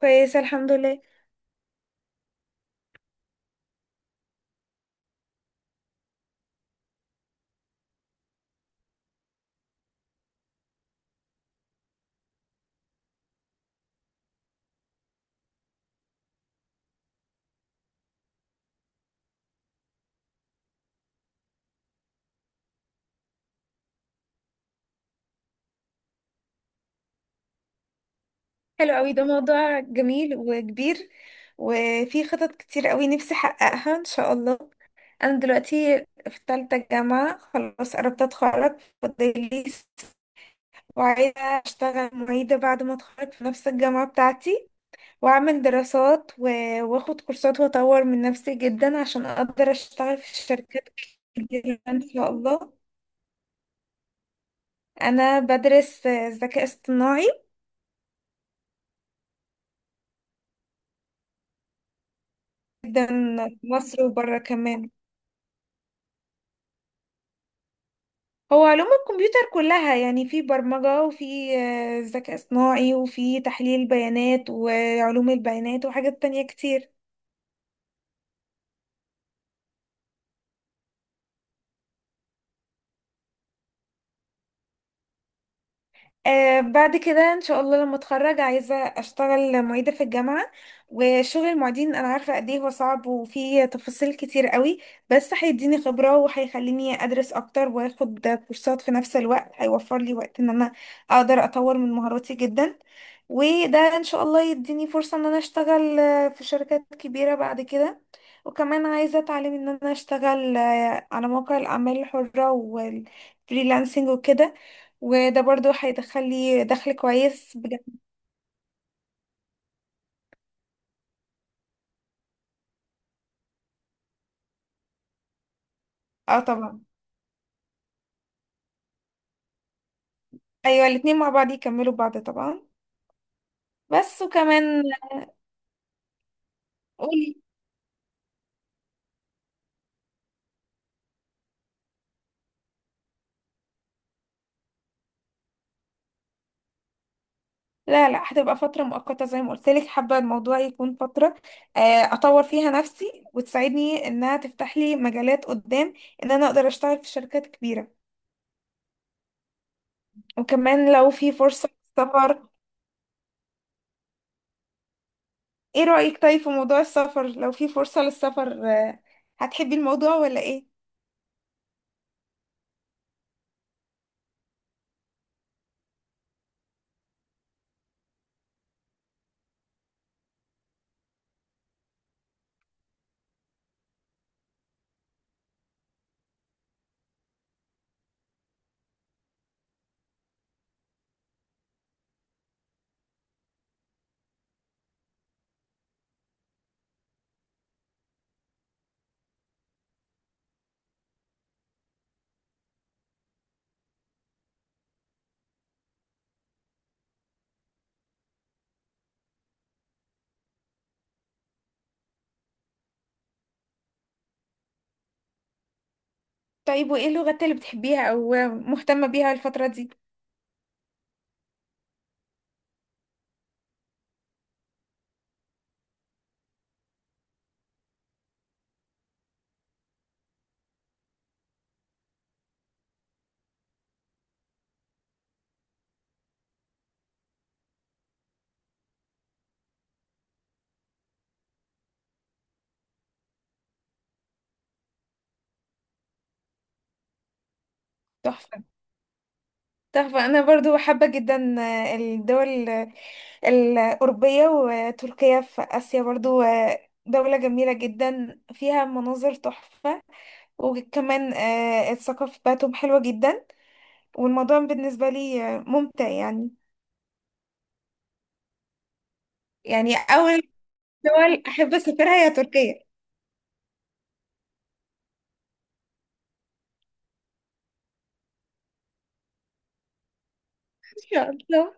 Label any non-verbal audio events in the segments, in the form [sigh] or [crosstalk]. كويسة الحمد لله. حلو قوي، ده موضوع جميل وكبير، وفي خطط كتير قوي نفسي احققها ان شاء الله. انا دلوقتي في تالتة جامعة، خلاص قربت اتخرج، وعايزة اشتغل معيدة بعد ما اتخرج في نفس الجامعة بتاعتي، واعمل دراسات واخد كورسات واطور من نفسي جدا عشان اقدر اشتغل في شركات كتير ان شاء الله. انا بدرس ذكاء اصطناعي جدا، في مصر وبره كمان. هو علوم الكمبيوتر كلها، يعني في برمجة وفي ذكاء اصطناعي وفي تحليل بيانات وعلوم البيانات وحاجات تانية كتير. بعد كده ان شاء الله لما اتخرج عايزه اشتغل معيده في الجامعه. وشغل المعيدين انا عارفه قد ايه هو صعب وفيه تفاصيل كتير قوي، بس هيديني خبره وهيخليني ادرس اكتر واخد كورسات في نفس الوقت، هيوفر لي وقت ان انا اقدر اطور من مهاراتي جدا. وده ان شاء الله يديني فرصه ان انا اشتغل في شركات كبيره بعد كده. وكمان عايزه اتعلم ان انا اشتغل على مواقع الاعمال الحره والفريلانسنج وكده، وده برضو هيدخل لي دخل كويس بجد. اه طبعا. ايوه، الاتنين مع بعض يكملوا بعض طبعا. بس وكمان. قولي. لا لا، هتبقى فترة مؤقتة زي ما قلت لك. حابة الموضوع يكون فترة آه، اطور فيها نفسي وتساعدني انها تفتح لي مجالات قدام، ان انا اقدر اشتغل في شركات كبيرة. وكمان لو في فرصة سفر. ايه رأيك طيب في موضوع السفر؟ لو في فرصة للسفر هتحبي الموضوع ولا ايه؟ طيب وايه اللغات اللي بتحبيها او مهتمة بيها الفترة دي؟ تحفة، تحفة. أنا برضو حابة جدا الدول الأوروبية، وتركيا في آسيا برضو دولة جميلة جدا فيها مناظر تحفة، وكمان الثقافة بتاعتهم حلوة جدا، والموضوع بالنسبة لي ممتع يعني. يعني أول دول أحب أسافرها هي تركيا. إن شاء الله.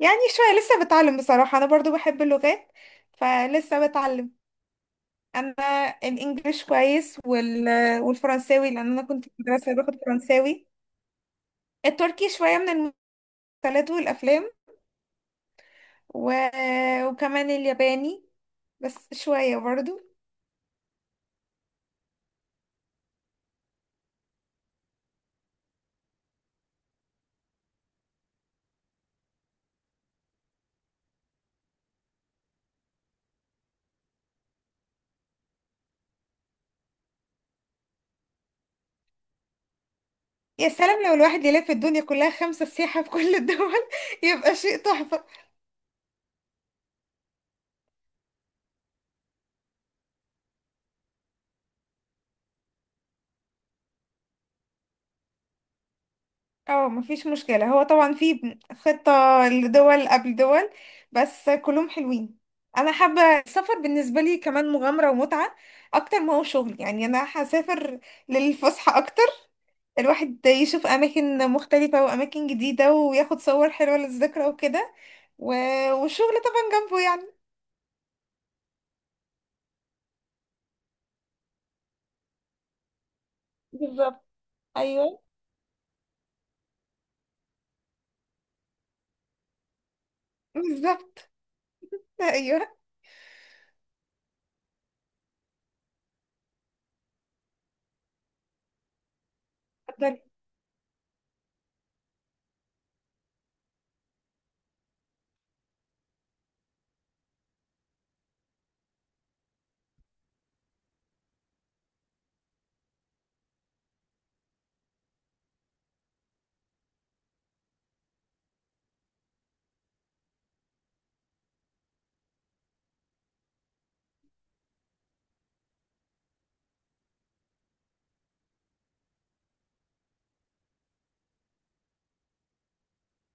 يعني شوية، لسه بتعلم بصراحة. أنا برضو بحب اللغات فلسه بتعلم. أنا الإنجليش كويس، والفرنساوي لأن أنا كنت في مدرسة باخد فرنساوي. التركي شوية من المسلسلات والأفلام، و... وكمان الياباني بس شوية برضو. يا سلام، لو الواحد يلف الدنيا كلها خمسة سياحة في كل الدول [laughs] يبقى شيء تحفة. اه مفيش مشكلة، هو طبعا في خطة لدول قبل دول، بس كلهم حلوين. انا حابة السفر بالنسبة لي كمان مغامرة ومتعة، اكتر ما هو شغل. يعني انا هسافر للفسحة اكتر، الواحد يشوف اماكن مختلفة واماكن جديدة وياخد صور حلوة للذكرى وكده، و... والشغل طبعا جنبه يعني. بالظبط. ايوه بالظبط. ايوه.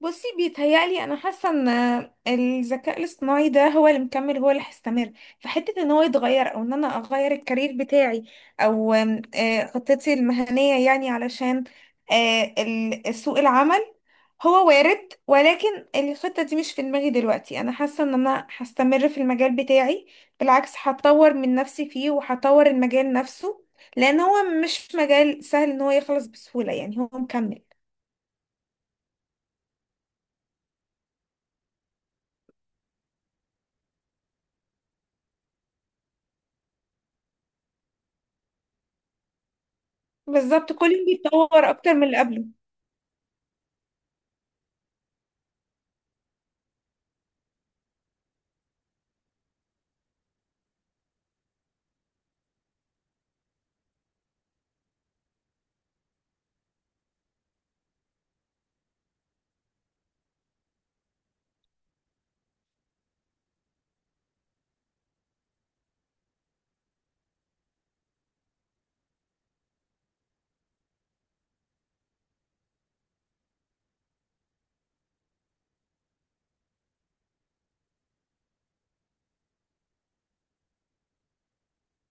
بصي، بيتهيألي انا حاسه ان الذكاء الاصطناعي ده هو اللي مكمل، هو اللي هيستمر. فحته ان هو يتغير او ان انا اغير الكارير بتاعي، او آم، آه، خطتي المهنيه يعني، علشان سوق العمل، هو وارد ولكن الخطه دي مش في دماغي دلوقتي. انا حاسه ان انا هستمر في المجال بتاعي، بالعكس هطور من نفسي فيه وهطور المجال نفسه، لان هو مش مجال سهل ان هو يخلص بسهوله يعني، هو مكمل. بالظبط، كل يوم بيتطور اكتر من اللي قبله.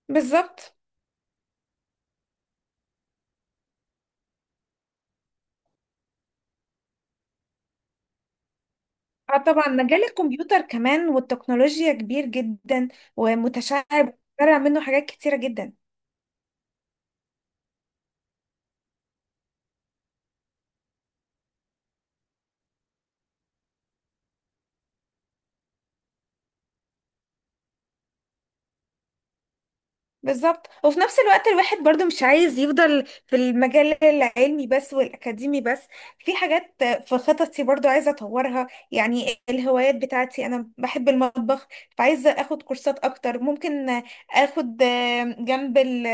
بالظبط. اه طبعا، مجال الكمبيوتر كمان والتكنولوجيا كبير جدا، ومتشعب طالع منه حاجات كتيرة جدا. بالظبط. وفي نفس الوقت الواحد برضو مش عايز يفضل في المجال العلمي بس والأكاديمي بس. في حاجات في خططي برضو عايزة أطورها، يعني الهوايات بتاعتي. أنا بحب المطبخ، فعايزة أخد كورسات أكتر. ممكن أخد جنب ال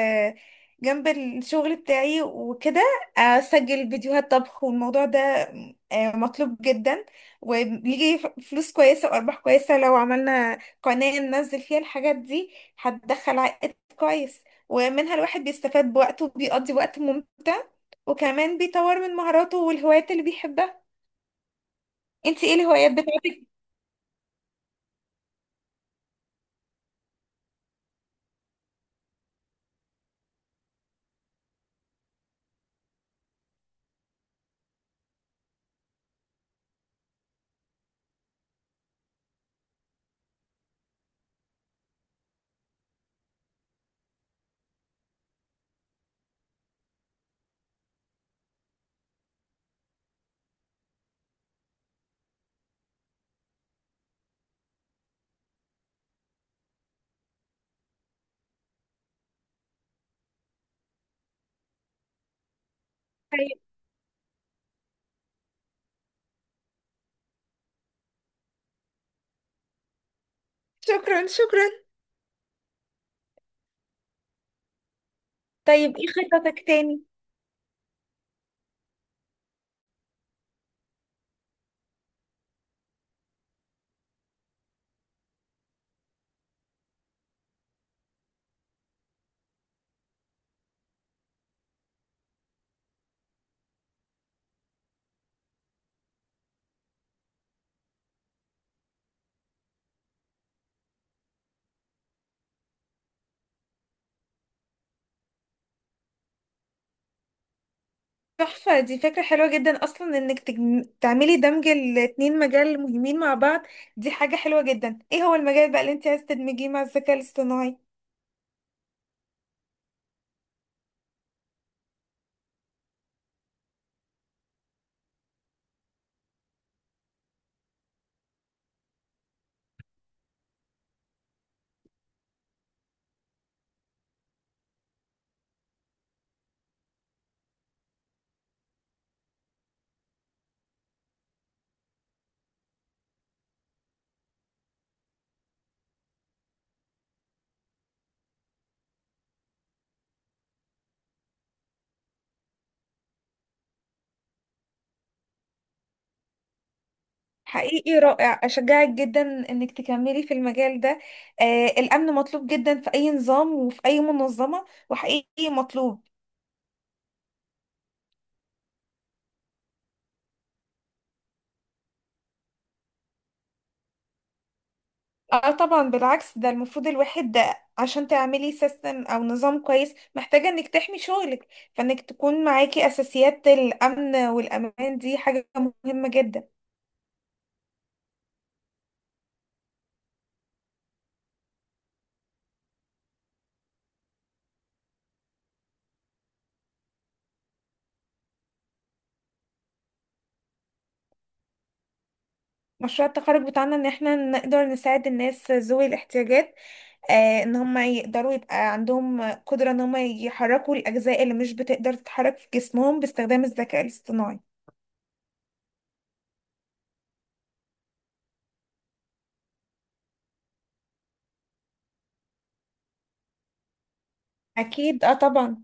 جنب الشغل بتاعي وكده أسجل فيديوهات طبخ، والموضوع ده مطلوب جدا وبيجي فلوس كويسة وأرباح كويسة. لو عملنا قناة ننزل فيها الحاجات دي هتدخل كويس، ومنها الواحد بيستفاد بوقته وبيقضي وقت ممتع، وكمان بيطور من مهاراته والهوايات اللي بيحبها. انت ايه الهوايات بتاعتك؟ طيب. شكرا شكرا. طيب ايه خططك تاني؟ تحفة، دي فكرة حلوة جدا أصلا إنك تعملي دمج الاتنين مجال مهمين مع بعض. دي حاجة حلوة جدا. إيه هو المجال بقى اللي أنت عايزة تدمجيه مع الذكاء الاصطناعي؟ حقيقي رائع، أشجعك جدا إنك تكملي في المجال ده. آه الأمن مطلوب جدا في أي نظام وفي أي منظمة، وحقيقي مطلوب. اه طبعا، بالعكس، ده المفروض الواحد ده، عشان تعملي سيستم او نظام كويس محتاجة انك تحمي شغلك، فانك تكون معاكي اساسيات الامن والامان دي حاجة مهمة جدا. مشروع التخرج بتاعنا ان احنا نقدر نساعد الناس ذوي الاحتياجات، ان هم يقدروا يبقى عندهم قدرة ان هم يحركوا الاجزاء اللي مش بتقدر تتحرك في جسمهم باستخدام الذكاء الاصطناعي. اكيد اه طبعا.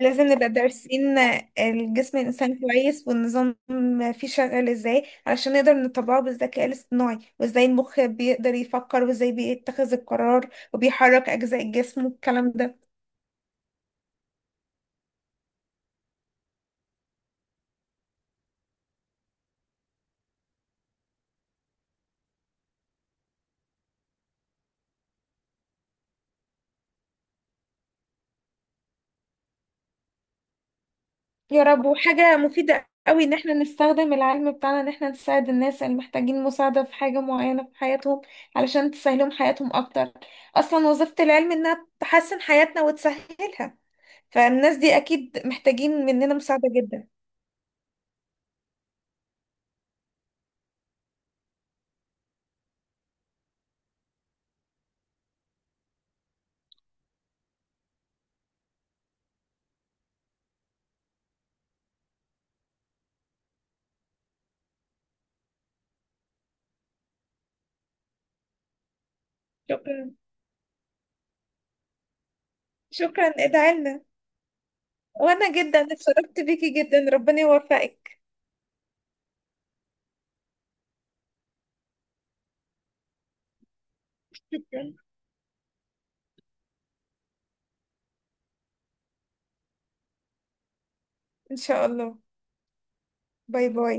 لازم نبقى دارسين الجسم الإنسان كويس، والنظام فيه شغال ازاي علشان نقدر نطبقه بالذكاء الاصطناعي، وازاي المخ بيقدر يفكر وازاي بيتخذ القرار وبيحرك أجزاء الجسم والكلام ده. يا رب. وحاجة مفيدة قوي ان احنا نستخدم العلم بتاعنا ان احنا نساعد الناس اللي محتاجين مساعدة في حاجة معينة في حياتهم، علشان تسهلهم حياتهم اكتر. اصلا وظيفة العلم انها تحسن حياتنا وتسهلها، فالناس دي اكيد محتاجين مننا مساعدة جدا. شكرا شكرا، ادعي لنا. وانا جدا اتشرفت بيكي جدا، ربنا يوفقك. شكرا. ان شاء الله. باي باي.